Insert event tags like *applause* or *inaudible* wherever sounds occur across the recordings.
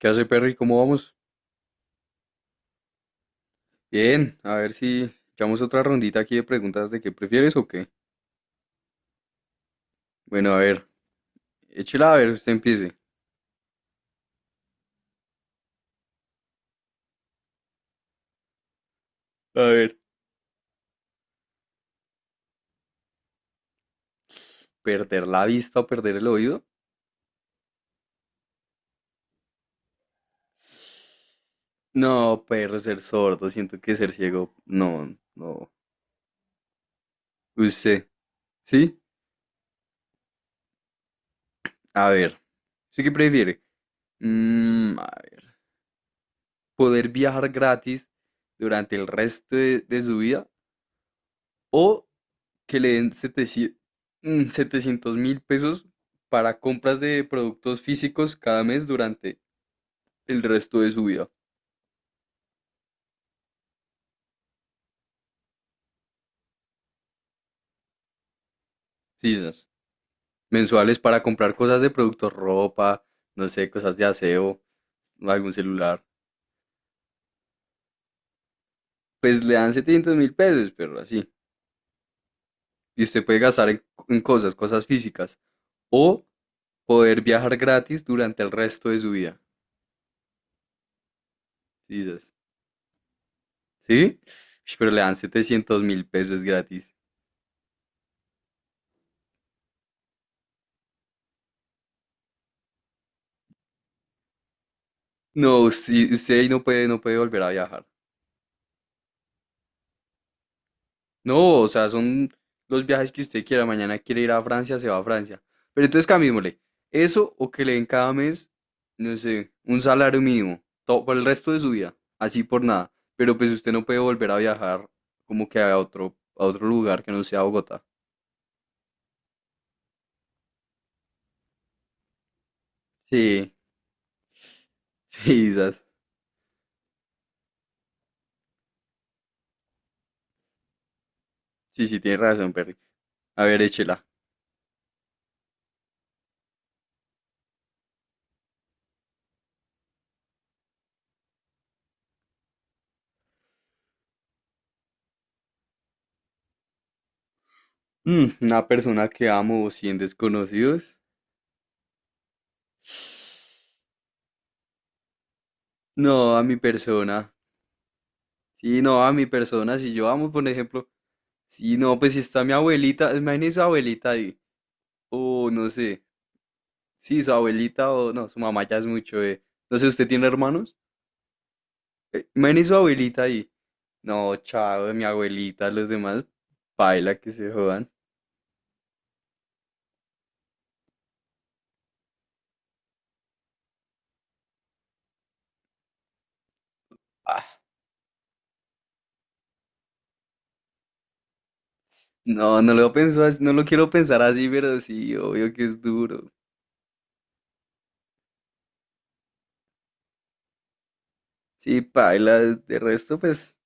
¿Qué hace, Perry? ¿Cómo vamos? Bien, a ver si echamos otra rondita aquí de preguntas de qué prefieres o qué. Bueno, a ver, échela a ver, usted empiece. A ver, ¿perder la vista o perder el oído? No, perro, ser sordo, siento que ser ciego, no, no. Usted, ¿sí? A ver, ¿usted qué prefiere? A ver, ¿poder viajar gratis durante el resto de su vida o que le den 700.000 pesos para compras de productos físicos cada mes durante el resto de su vida? Sí, esas, mensuales, para comprar cosas de productos, ropa, no sé, cosas de aseo, algún celular. Pues le dan 700.000 pesos, pero así. Y usted puede gastar en cosas, cosas físicas. O poder viajar gratis durante el resto de su vida. Sí, esas. ¿Sí? Ush, pero le dan 700.000 pesos gratis. No, sí, usted ahí no puede volver a viajar. No, o sea, son los viajes que usted quiera. Mañana quiere ir a Francia, se va a Francia. Pero entonces cambiémosle. Eso o que le den cada mes, no sé, un salario mínimo. Todo, por el resto de su vida. Así, por nada. Pero pues usted no puede volver a viajar como que a otro lugar que no sea Bogotá. Sí, sí, quizás. Sí, sí, tiene razón, Perry. A ver, échela. Una persona que amo o 100 desconocidos. No, a mi persona. Sí, no, a mi persona. Si yo amo, por ejemplo. Sí, no, pues si está mi abuelita, imagínese su abuelita ahí, o no sé, sí, su abuelita o no, su mamá ya es mucho, eh. No sé, ¿usted tiene hermanos? Imagínese su abuelita ahí. No, chao, mi abuelita, los demás, paila que se jodan. Ah, no, no lo pienso, no lo quiero pensar así, pero sí, obvio que es duro. Sí, paila, de resto, pues,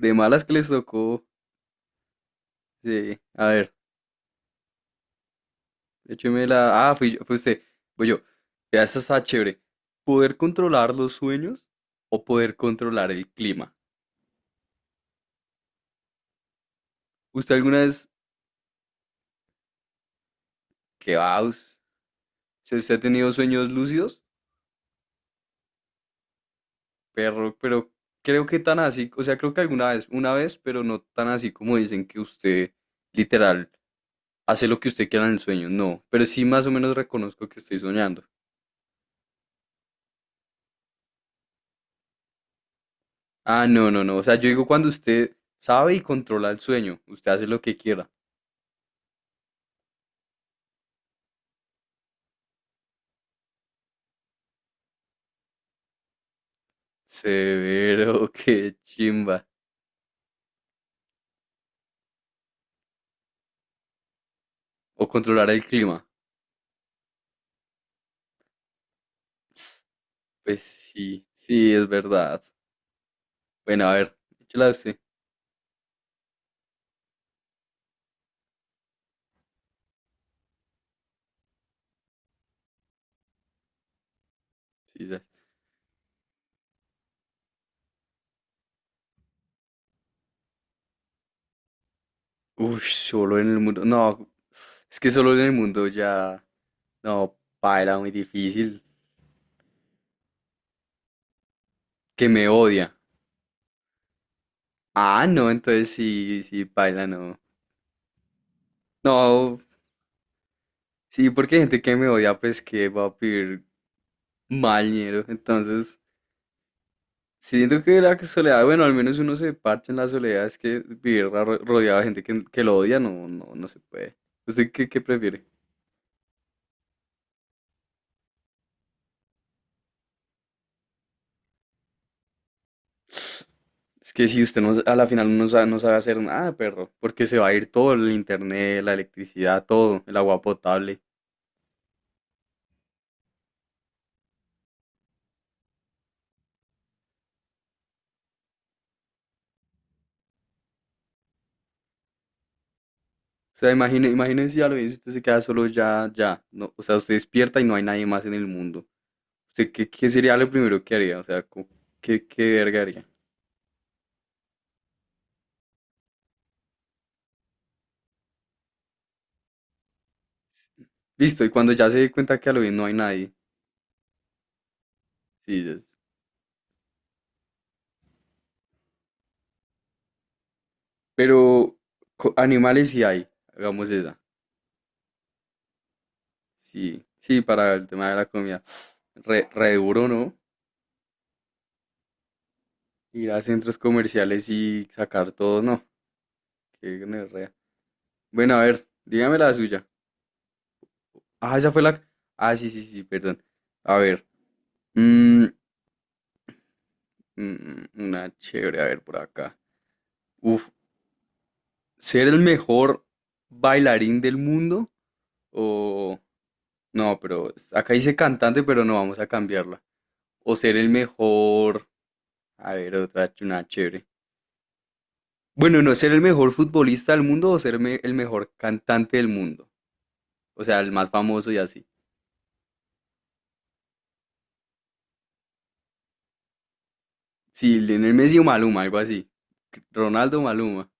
de malas que les tocó. Sí, a ver. Écheme la. Ah, fue usted. Voy yo. Vea, esta está chévere. ¿Poder controlar los sueños o poder controlar el clima? ¿Usted alguna vez, qué va? Us- si ¿Usted ha tenido sueños lúcidos? Perro, pero creo que tan así, o sea, creo que alguna vez, una vez, pero no tan así como dicen que usted literal hace lo que usted quiera en el sueño. No, pero sí más o menos reconozco que estoy soñando. Ah, no, no, no. O sea, yo digo cuando usted sabe y controla el sueño, usted hace lo que quiera. Severo, qué chimba. O controlar el clima. Pues sí, sí, es verdad. Bueno, a ver, échala usted. Sí, ya. Uy, solo en el mundo. No, es que solo en el mundo ya. No, paila, muy difícil. Que me odia. Ah, no, entonces sí, sí, paila, no. No, sí, porque hay gente que me odia, pues que va a pedir mal dinero. Entonces. Siento que la soledad, bueno, al menos uno se parcha en la soledad, es que vivir rodeado de gente que lo odia, no, no, no se puede. ¿Usted qué prefiere? Es que si usted no, a la final no sabe, no sabe hacer nada, perro, porque se va a ir todo, el internet, la electricidad, todo, el agua potable. O sea, imagínense ya lo bien, si usted se queda solo ya, ya, no, o sea, usted despierta y no hay nadie más en el mundo. ¿Usted qué sería lo primero que haría? O sea, ¿qué verga haría? Listo, y cuando ya se dé cuenta que a lo bien no hay nadie, sí, pero animales sí hay, hagamos esa. Sí, sí, para el tema de la comida. Re, re duro, ¿no? Ir a centros comerciales y sacar todo, no. Qué gonorrea. Bueno, a ver, dígame la suya. Ah, esa fue la. Ah, sí, sí, sí, perdón. A ver. mm, mm, una chévere, a ver, por acá. Uf, ¿ser el mejor bailarín del mundo? O... No, pero acá dice cantante, pero no vamos a cambiarla. O ser el mejor. A ver, otra una chévere. Bueno, no, ser el mejor futbolista del mundo o ser el mejor cantante del mundo. O sea, el más famoso y así. Sí, Lionel Messi o Maluma, algo así. Ronaldo o Maluma.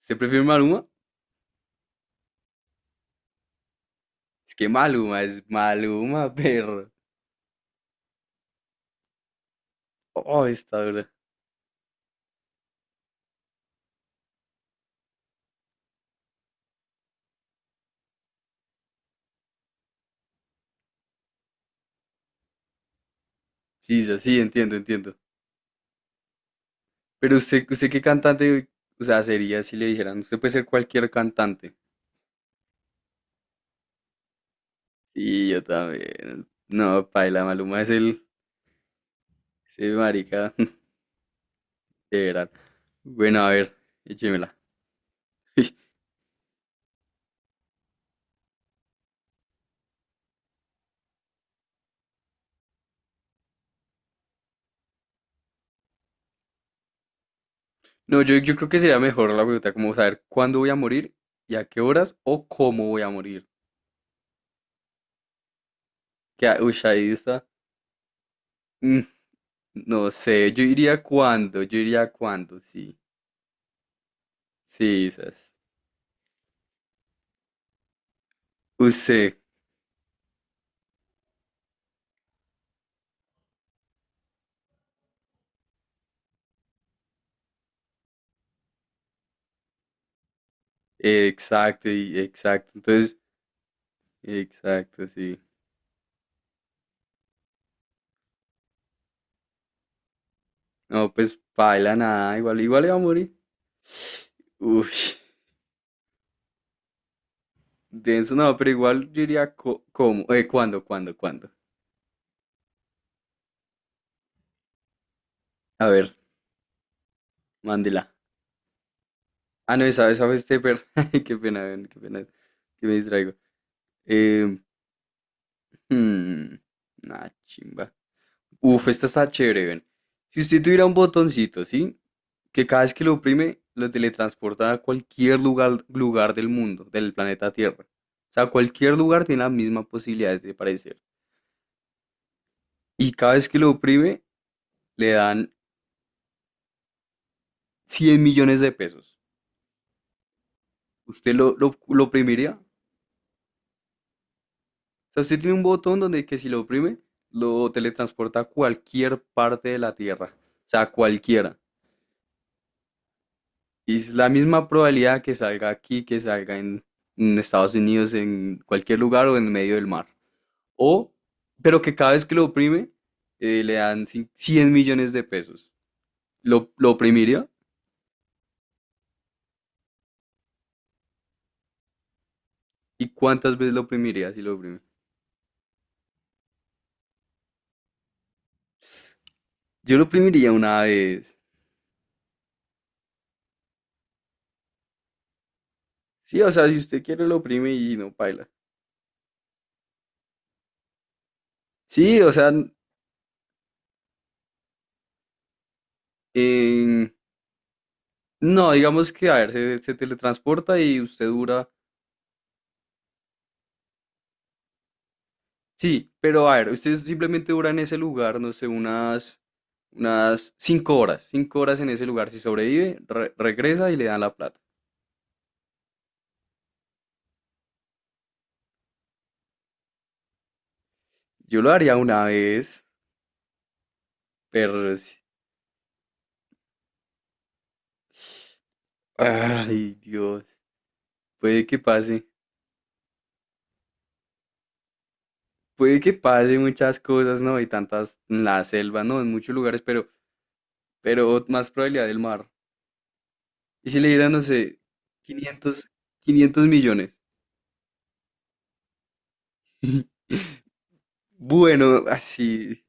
¿Usted prefiere Maluma? Es que Maluma es Maluma, *laughs* perro. Oh, está dura. Sí, sí, sí, entiendo, entiendo. Pero usted qué cantante, o sea, sería si le dijeran, usted puede ser cualquier cantante. Sí, yo también. No, paila, Maluma es el, ese marica, *laughs* de verdad. Bueno, a ver, échemela. *laughs* Uy, no, yo creo que sería mejor la pregunta como saber cuándo voy a morir y a qué horas o cómo voy a morir. Que, uy, ahí está. Mm, no sé, yo iría cuándo, sí. Sí, esas. Usted, exacto, exacto. Entonces, exacto, sí. No, pues baila nada, igual, igual iba a morir. *sighs* Uy, denso, no, pero igual yo iría cómo, cuándo, cuándo, cuándo. A ver, mándela. Ah, no, esa fue Stepper. *laughs* Ay, qué pena, ven, qué pena que me distraigo. Eh, hmm, nah, chimba. Uf, esta está chévere, ven. Si usted tuviera un botoncito, ¿sí? Que cada vez que lo oprime, lo teletransporta a cualquier lugar, lugar del mundo, del planeta Tierra. O sea, cualquier lugar tiene las mismas posibilidades de aparecer. Y cada vez que lo oprime, le dan 100 millones de pesos. ¿Usted lo oprimiría? O sea, usted tiene un botón donde que si lo oprime, lo teletransporta a cualquier parte de la Tierra. O sea, cualquiera. Y es la misma probabilidad que salga aquí, que salga en Estados Unidos, en cualquier lugar o en medio del mar. O, pero que cada vez que lo oprime, le dan 100 millones de pesos. ¿Lo oprimiría? ¿Y cuántas veces lo oprimiría si lo oprime? Yo lo oprimiría una vez. Sí, o sea, si usted quiere lo oprime y no paila. Sí, o sea, en No, digamos que, a ver, se teletransporta y usted dura. Sí, pero a ver, usted simplemente dura en ese lugar, no sé, unas 5 horas. 5 horas en ese lugar. Si sobrevive, regresa y le dan la plata. Yo lo haría una vez, pero. Ay, Dios. Puede que pase. Puede que pase muchas cosas, ¿no? Y tantas en la selva, ¿no? En muchos lugares, pero más probabilidad del mar. Y si le dieran, no sé, 500 500 millones. *laughs* Bueno, así.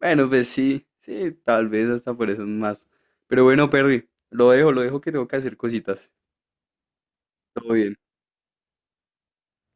Bueno, pues sí, sí, tal vez hasta por eso más. Pero bueno, Perry, lo dejo que tengo que hacer cositas. Todo bien.